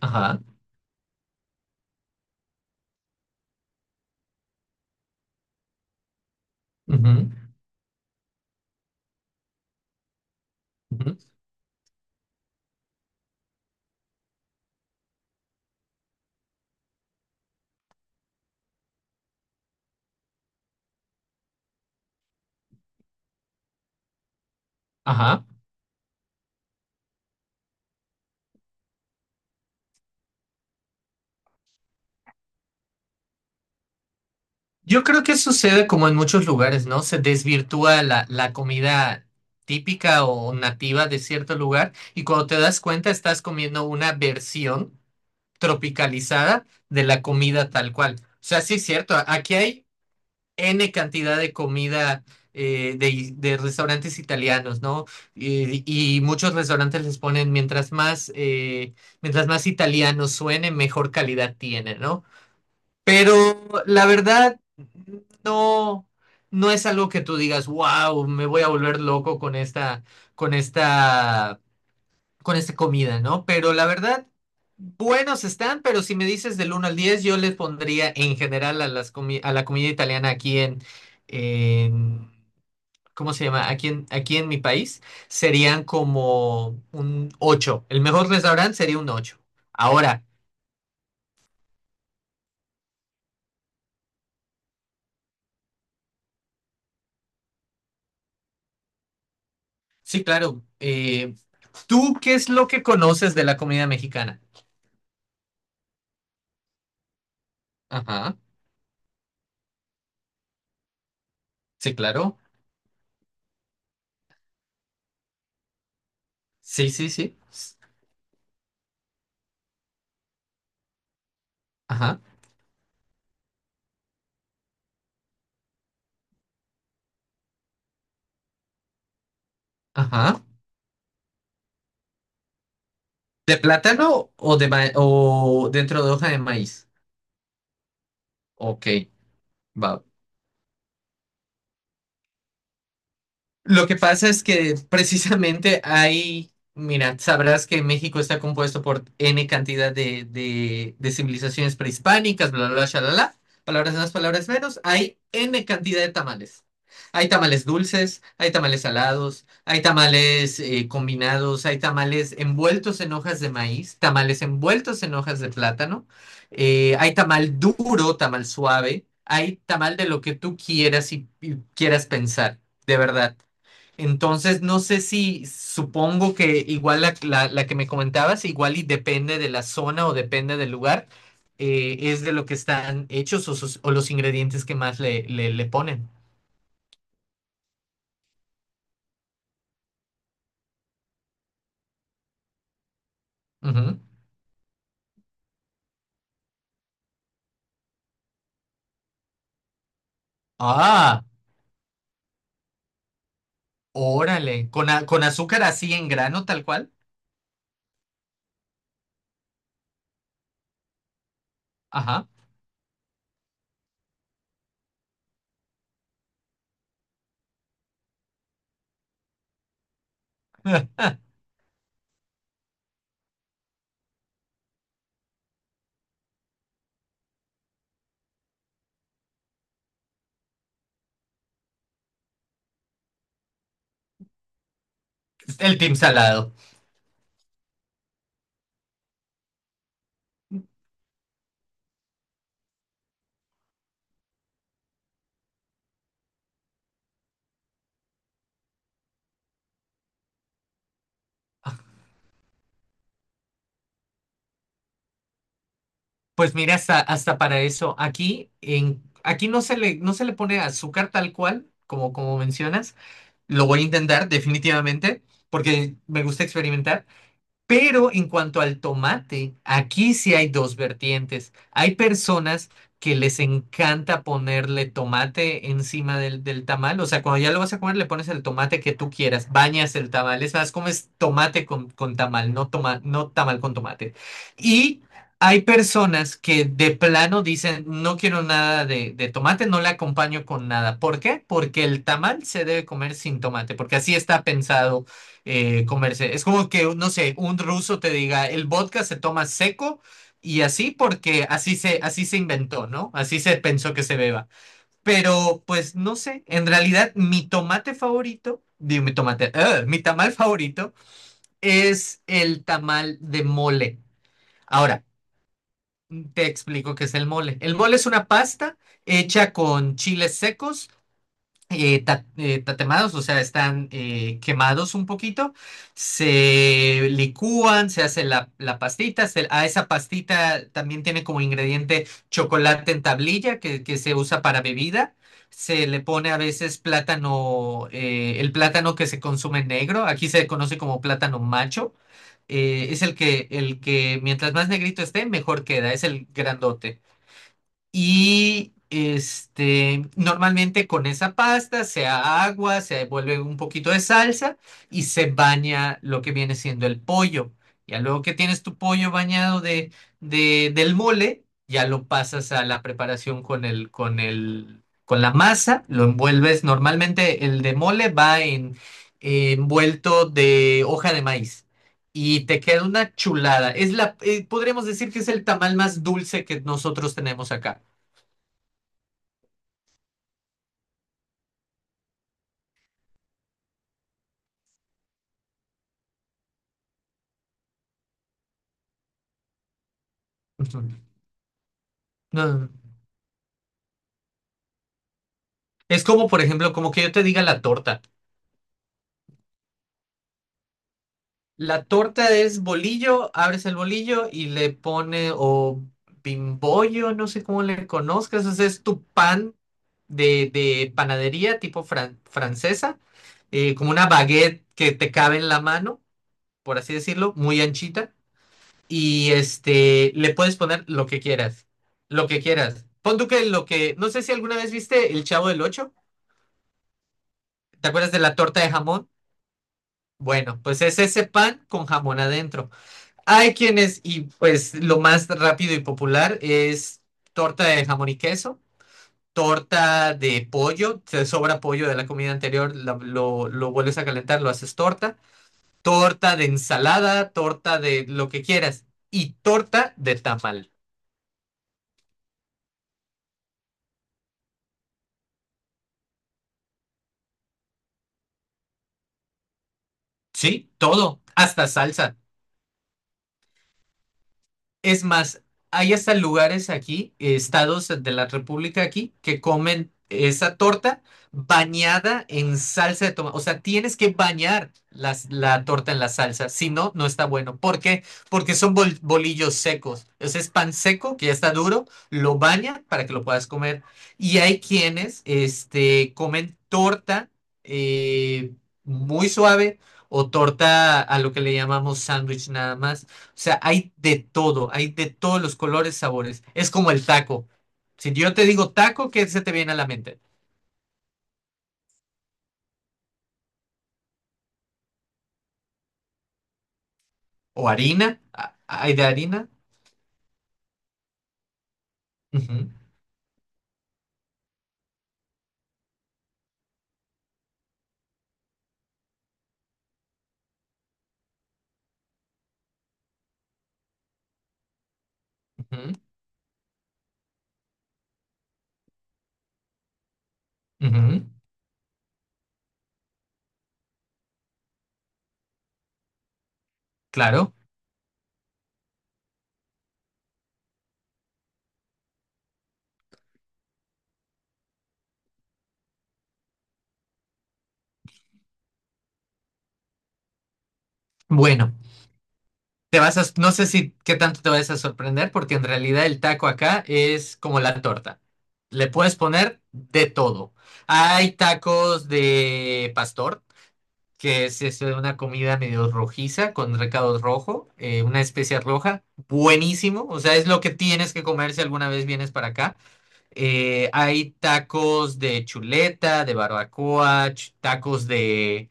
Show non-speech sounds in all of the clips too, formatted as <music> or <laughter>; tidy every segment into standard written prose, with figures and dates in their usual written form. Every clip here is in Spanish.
Ajá, ujú, ujú, ajá. Yo creo que sucede como en muchos lugares, ¿no? Se desvirtúa la comida típica o nativa de cierto lugar, y cuando te das cuenta estás comiendo una versión tropicalizada de la comida tal cual. O sea, sí es cierto, aquí hay N cantidad de comida de restaurantes italianos, ¿no? Y, y muchos restaurantes les ponen mientras más, mientras más italiano suene, mejor calidad tiene, ¿no? Pero la verdad, no, no es algo que tú digas, wow, me voy a volver loco con con esta, con esta comida, ¿no? Pero la verdad, buenos están, pero si me dices del uno al 10, yo les pondría en general a a la comida italiana aquí en, en- ¿cómo se llama? Aquí en, aquí en mi país, serían como un ocho. El mejor restaurante sería un ocho. Ahora, sí, claro. ¿Tú qué es lo que conoces de la comida mexicana? Ajá. Sí, claro. Sí, sí, sí. Ajá. Ajá. ¿De plátano o o dentro de hoja de maíz? Ok, va. Lo que pasa es que precisamente hay, mira, sabrás que México está compuesto por N cantidad de civilizaciones prehispánicas, bla, bla, bla, shalala, palabras más, palabras menos, hay N cantidad de tamales. Hay tamales dulces, hay tamales salados, hay tamales combinados, hay tamales envueltos en hojas de maíz, tamales envueltos en hojas de plátano, hay tamal duro, tamal suave, hay tamal de lo que tú quieras y quieras pensar, de verdad. Entonces, no sé, si supongo que igual la que me comentabas, igual y depende de la zona o depende del lugar, es de lo que están hechos o, o los ingredientes que más le ponen. Ujú. Ah, órale, con azúcar así en grano, tal cual. Ajá. <laughs> El team salado. Pues mira, hasta para eso. Aquí, en, aquí no se le pone azúcar tal cual, como, como mencionas. Lo voy a intentar definitivamente porque me gusta experimentar, pero en cuanto al tomate, aquí sí hay dos vertientes. Hay personas que les encanta ponerle tomate encima del tamal. O sea, cuando ya lo vas a comer, le pones el tomate que tú quieras, bañas el tamal. Es más, comes tomate con tamal, no, toma, no tamal con tomate. Y hay personas que de plano dicen, no quiero nada de tomate, no le acompaño con nada. ¿Por qué? Porque el tamal se debe comer sin tomate, porque así está pensado comerse. Es como que, no sé, un ruso te diga, el vodka se toma seco, y así, porque así se inventó, ¿no? Así se pensó que se beba. Pero pues no sé, en realidad mi tomate favorito, digo mi tomate, ¡ah! Mi tamal favorito es el tamal de mole. Ahora, te explico qué es el mole. El mole es una pasta hecha con chiles secos tatemados, o sea, están quemados un poquito, se licúan, se hace la pastita, a esa pastita también tiene como ingrediente chocolate en tablilla que se usa para bebida, se le pone a veces plátano, el plátano que se consume negro, aquí se conoce como plátano macho, es el que, mientras más negrito esté, mejor queda, es el grandote. Y este, normalmente con esa pasta, sea agua, se devuelve un poquito de salsa y se baña lo que viene siendo el pollo. Ya luego que tienes tu pollo bañado del mole, ya lo pasas a la preparación con la masa, lo envuelves. Normalmente el de mole va envuelto de hoja de maíz. Y te queda una chulada. Podríamos decir que es el tamal más dulce que nosotros tenemos acá. Ujú. No, no, no. Es como, por ejemplo, como que yo te diga la torta. La torta es bolillo, abres el bolillo y le pone o bimbollo, no sé cómo le conozcas, o sea, es tu pan de panadería tipo francesa, como una baguette que te cabe en la mano, por así decirlo, muy anchita, y este, le puedes poner lo que quieras, lo que quieras. Pon tú que lo que, no sé si alguna vez viste El Chavo del Ocho, ¿te acuerdas de la torta de jamón? Bueno, pues es ese pan con jamón adentro. Hay quienes, y pues lo más rápido y popular es torta de jamón y queso, torta de pollo, te sobra pollo de la comida anterior, lo vuelves a calentar, lo haces torta, torta de ensalada, torta de lo que quieras y torta de tamal. Sí, todo, hasta salsa. Es más, hay hasta lugares aquí, estados de la República aquí, que comen esa torta bañada en salsa de tomate. O sea, tienes que bañar la torta en la salsa, si no, no está bueno. ¿Por qué? Porque son bolillos secos. Ese es pan seco que ya está duro, lo bañan para que lo puedas comer. Y hay quienes, este, comen torta eh, muy suave o torta a lo que le llamamos sándwich nada más, sea, hay de todo, hay de todos los colores, sabores. Es como el taco. Si yo te digo taco, ¿qué se te viene a la mente? ¿O harina? ¿Hay de harina? Ujú, ujú, ujú, claro. Bueno, te vas a, no sé si qué tanto te vas a sorprender, porque en realidad el taco acá es como la torta. Le puedes poner de todo. Hay tacos de pastor, que es eso de una comida medio rojiza con recado rojo, una especia roja, buenísimo, o sea, es lo que tienes que comer si alguna vez vienes para acá. Hay tacos de chuleta, de barbacoa, tacos de,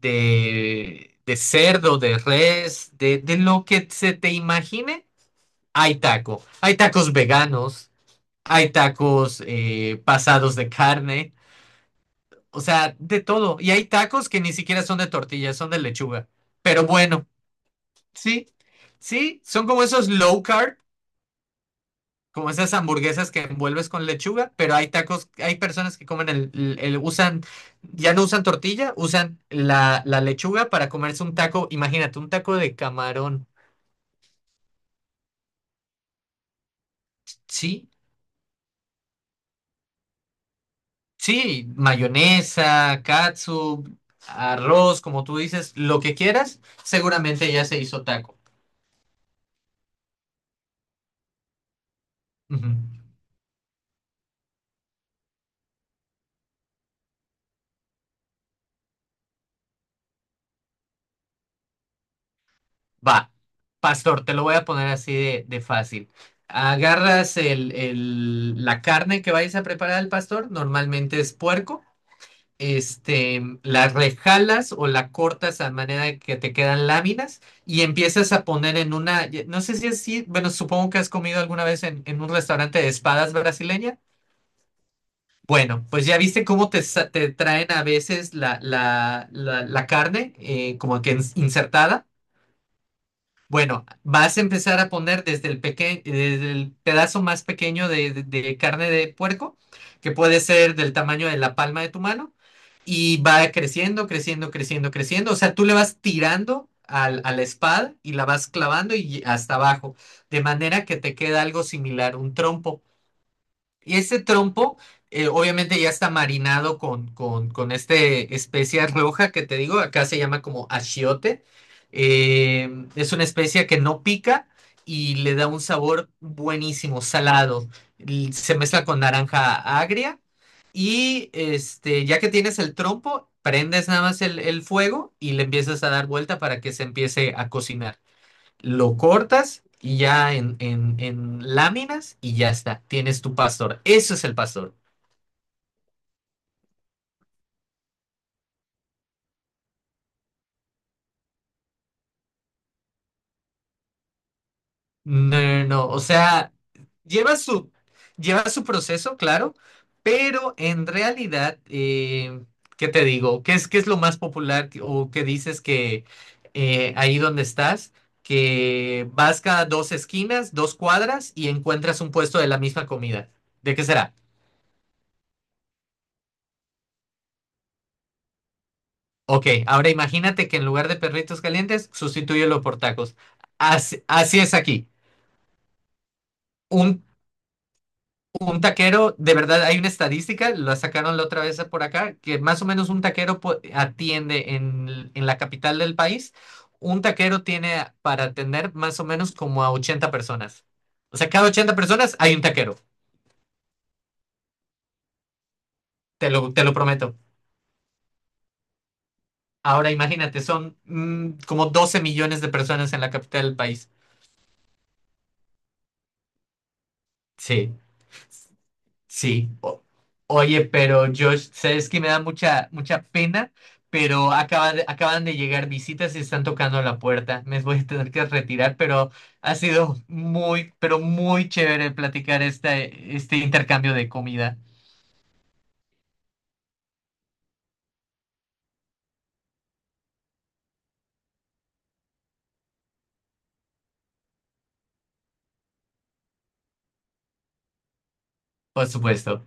de, de cerdo, de res, de lo que se te imagine, hay taco. Hay tacos veganos, hay tacos pasados de carne. O sea, de todo. Y hay tacos que ni siquiera son de tortilla, son de lechuga. Pero bueno, sí, sí, son como esos low carb, como esas hamburguesas que envuelves con lechuga, pero hay tacos, hay personas que comen usan, ya no usan tortilla, usan la lechuga para comerse un taco, imagínate, un taco de camarón. Sí, sí, mayonesa, catsup, arroz, como tú dices, lo que quieras, seguramente ya se hizo taco. Ujú. Va, pastor, te lo voy a poner así de fácil. Agarras la carne que vayas a preparar al pastor, normalmente es puerco, este, la rejalas o la cortas a manera de que te quedan láminas y empiezas a poner en una, no sé si es así, bueno, supongo que has comido alguna vez en un restaurante de espadas brasileña. Bueno, pues ya viste cómo te, te traen a veces la carne como que insertada. Bueno, vas a empezar a poner desde el pedazo más pequeño de carne de puerco, que puede ser del tamaño de la palma de tu mano, y va creciendo, creciendo, creciendo, creciendo. O sea, tú le vas tirando a la espada y la vas clavando y hasta abajo, de manera que te queda algo similar, un trompo. Y este trompo, obviamente ya está marinado con esta especia <laughs> roja que te digo, acá se llama como achiote. Eh, es una especia que no pica y le da un sabor buenísimo, salado. Se mezcla con naranja agria y este, ya que tienes el trompo, prendes nada más el fuego y le empiezas a dar vuelta para que se empiece a cocinar, lo cortas y ya en láminas y ya está, tienes tu pastor. Eso es el pastor. No, no, no, o sea, lleva su, lleva su proceso, claro, pero en realidad, ¿qué te digo? ¿Qué es lo más popular que- o qué dices que ahí donde estás? Que vas cada dos esquinas, dos cuadras y encuentras un puesto de la misma comida. ¿De qué será? Ok, ahora imagínate que en lugar de perritos calientes, sustitúyelo por tacos. Así, así es aquí. Un, un taquero, de verdad, hay una estadística, la sacaron la otra vez por acá, que más o menos un taquero atiende en la capital del país, un taquero tiene para atender más o menos como a 80 personas. O sea, cada 80 personas hay un taquero, te lo prometo. Ahora imagínate, son como 12 millones de personas en la capital del país. Sí. Sí, o- oye, pero Josh, sabes que me da mucha, mucha pena, pero acaban de llegar visitas y están tocando la puerta. Me voy a tener que retirar, pero ha sido muy, pero muy chévere platicar este intercambio de comida, por supuesto.